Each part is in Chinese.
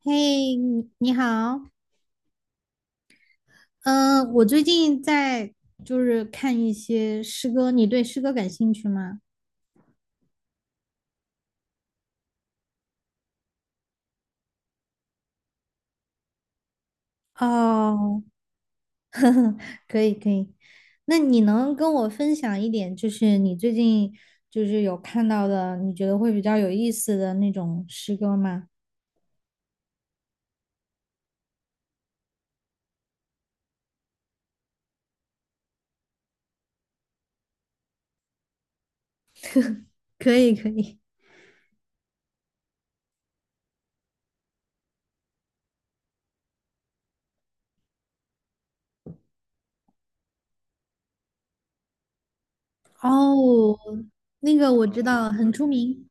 嘿，你好，嗯，我最近在看一些诗歌，你对诗歌感兴趣吗？哦，可以，那你能跟我分享一点，就是你最近有看到的，你觉得会比较有意思的那种诗歌吗？可以。哦，那个我知道，很出名。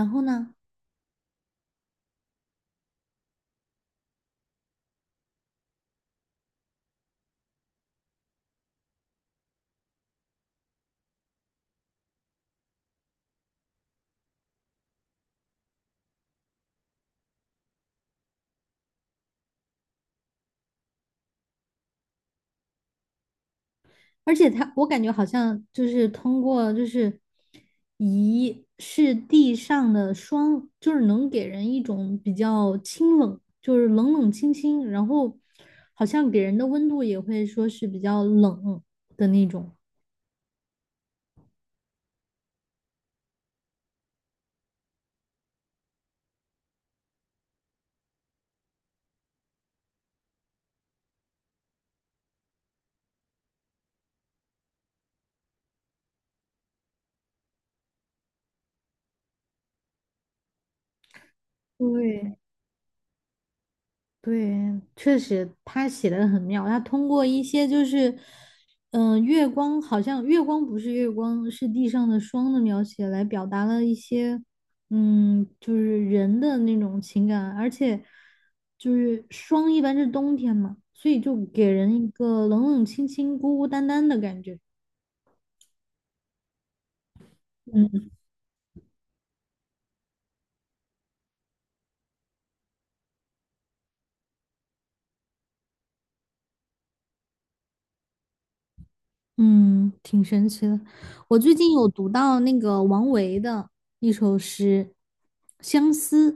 然后呢？而且他，我感觉好像就是通过仪是地上的霜，就是能给人一种比较清冷，就是冷冷清清，然后好像给人的温度也会说是比较冷的那种。对，对，确实他写的很妙。他通过一些就是，月光好像月光不是月光，是地上的霜的描写，来表达了一些，嗯，就是人的那种情感。而且，就是霜一般是冬天嘛，所以就给人一个冷冷清清、孤孤单单的感觉。嗯。嗯，挺神奇的。我最近有读到那个王维的一首诗《相思》，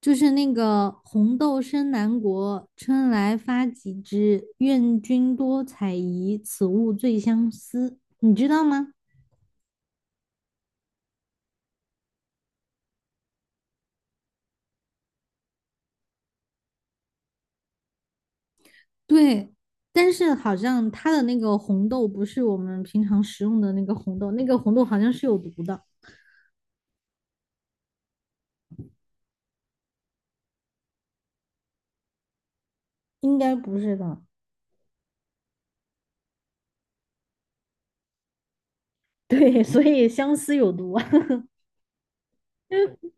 就是那个“红豆生南国，春来发几枝。愿君多采撷，此物最相思。”你知道吗？对，但是好像它的那个红豆不是我们平常食用的那个红豆，那个红豆好像是有毒的，应该不是的。对，所以相思有毒啊。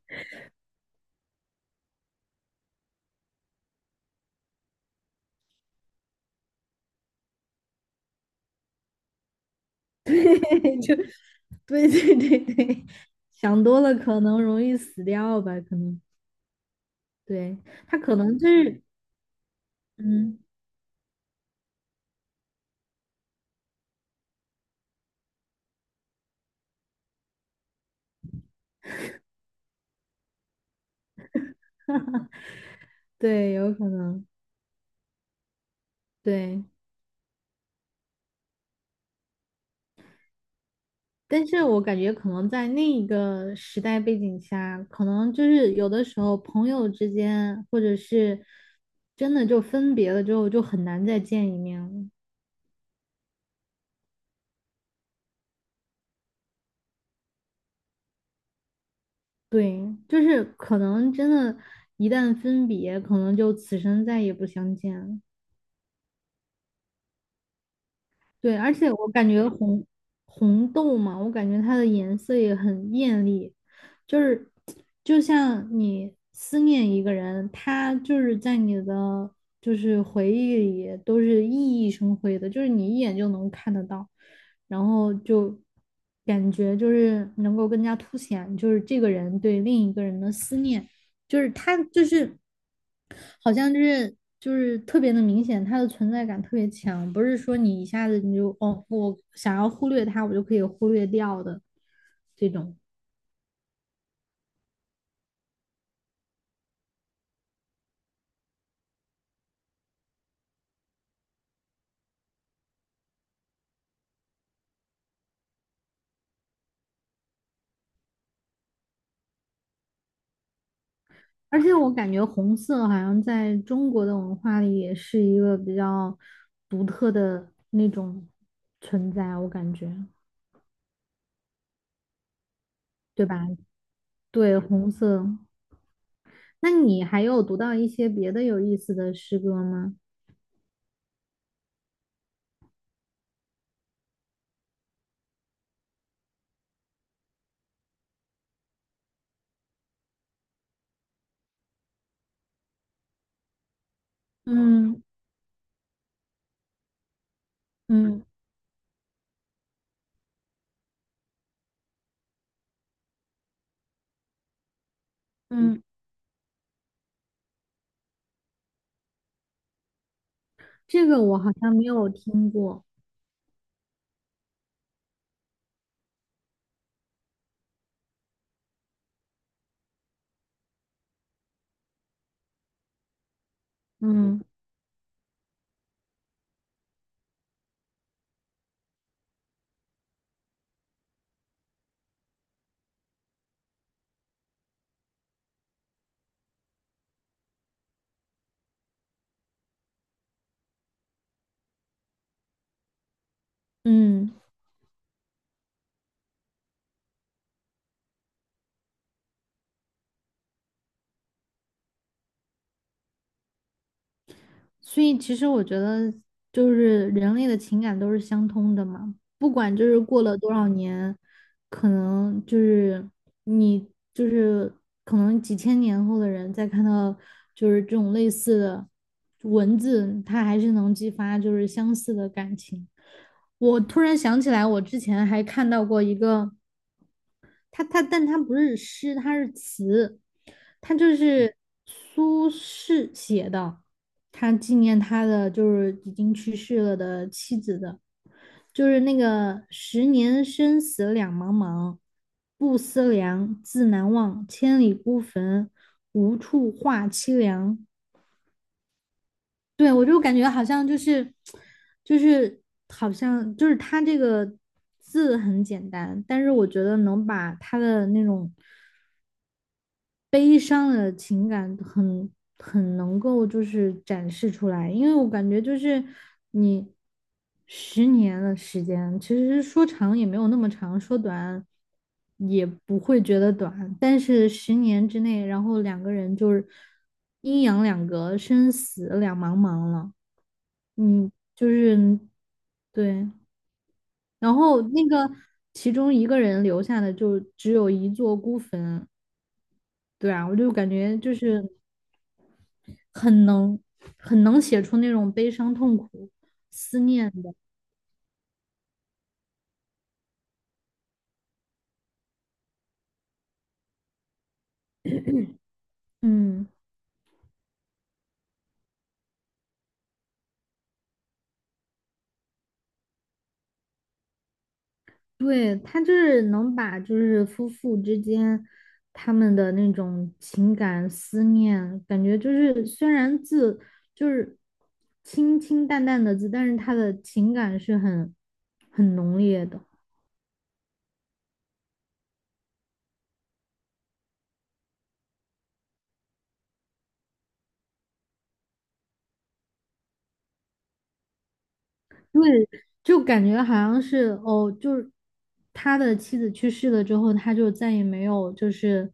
对就 对，想多了可能容易死掉吧，可能，对，他可能就是，嗯，对，有可能，对，但是我感觉可能在那一个时代背景下，可能就是有的时候朋友之间，或者是真的就分别了之后，就很难再见一面了。对，就是可能真的，一旦分别，可能就此生再也不相见了。对，而且我感觉红豆嘛，我感觉它的颜色也很艳丽，就是就像你思念一个人，他就是在你的回忆里都是熠熠生辉的，就是你一眼就能看得到，然后就感觉就是能够更加凸显就是这个人对另一个人的思念。就是他就是好像就是特别的明显，他的存在感特别强，不是说你一下子你就哦，我想要忽略他，我就可以忽略掉的这种。而且我感觉红色好像在中国的文化里也是一个比较独特的那种存在，我感觉，对吧？对，红色。那你还有读到一些别的有意思的诗歌吗？嗯嗯嗯。这个我好像没有听过，嗯嗯，所以其实我觉得就是人类的情感都是相通的嘛，不管就是过了多少年，可能就是你就是可能几千年后的人再看到就是这种类似的文字，它还是能激发就是相似的感情。我突然想起来，我之前还看到过一个。他，但他不是诗，他是词，他就是苏轼写的，他纪念他的就是已经去世了的妻子的，就是那个十年生死两茫茫，不思量，自难忘，千里孤坟，无处话凄凉。对，我就感觉好像就是，就是好像就是他这个字很简单，但是我觉得能把他的那种悲伤的情感很能够就是展示出来，因为我感觉就是你十年的时间，其实说长也没有那么长，说短也不会觉得短，但是十年之内，然后两个人就是阴阳两隔，生死两茫茫了，嗯，就是对。然后那个其中一个人留下的就只有一座孤坟，对啊，我就感觉就是很能很能写出那种悲伤、痛苦、思念的。嗯，对，他就是能把就是夫妇之间他们的那种情感思念，感觉就是虽然字就是清清淡淡的字，但是他的情感是很浓烈的。对，就感觉好像是哦，就是他的妻子去世了之后，他就再也没有就是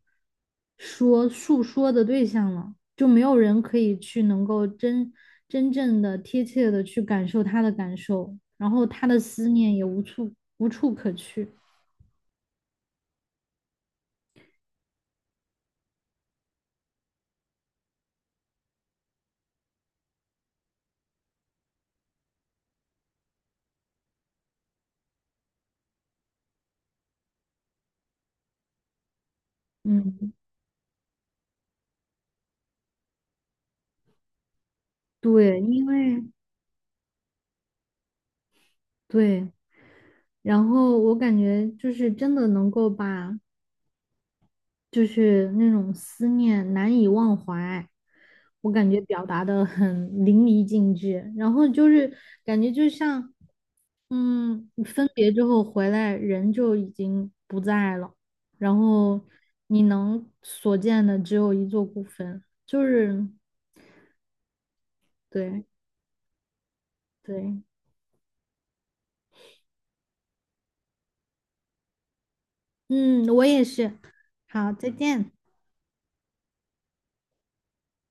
说诉说的对象了，就没有人可以去能够真正的贴切的去感受他的感受，然后他的思念也无处可去。嗯，对，因为对，然后我感觉就是真的能够把就是那种思念难以忘怀，我感觉表达的很淋漓尽致。然后就是感觉就像，嗯，分别之后回来，人就已经不在了，然后你能所见的只有一座孤坟，就是对对，嗯，我也是。好，再见。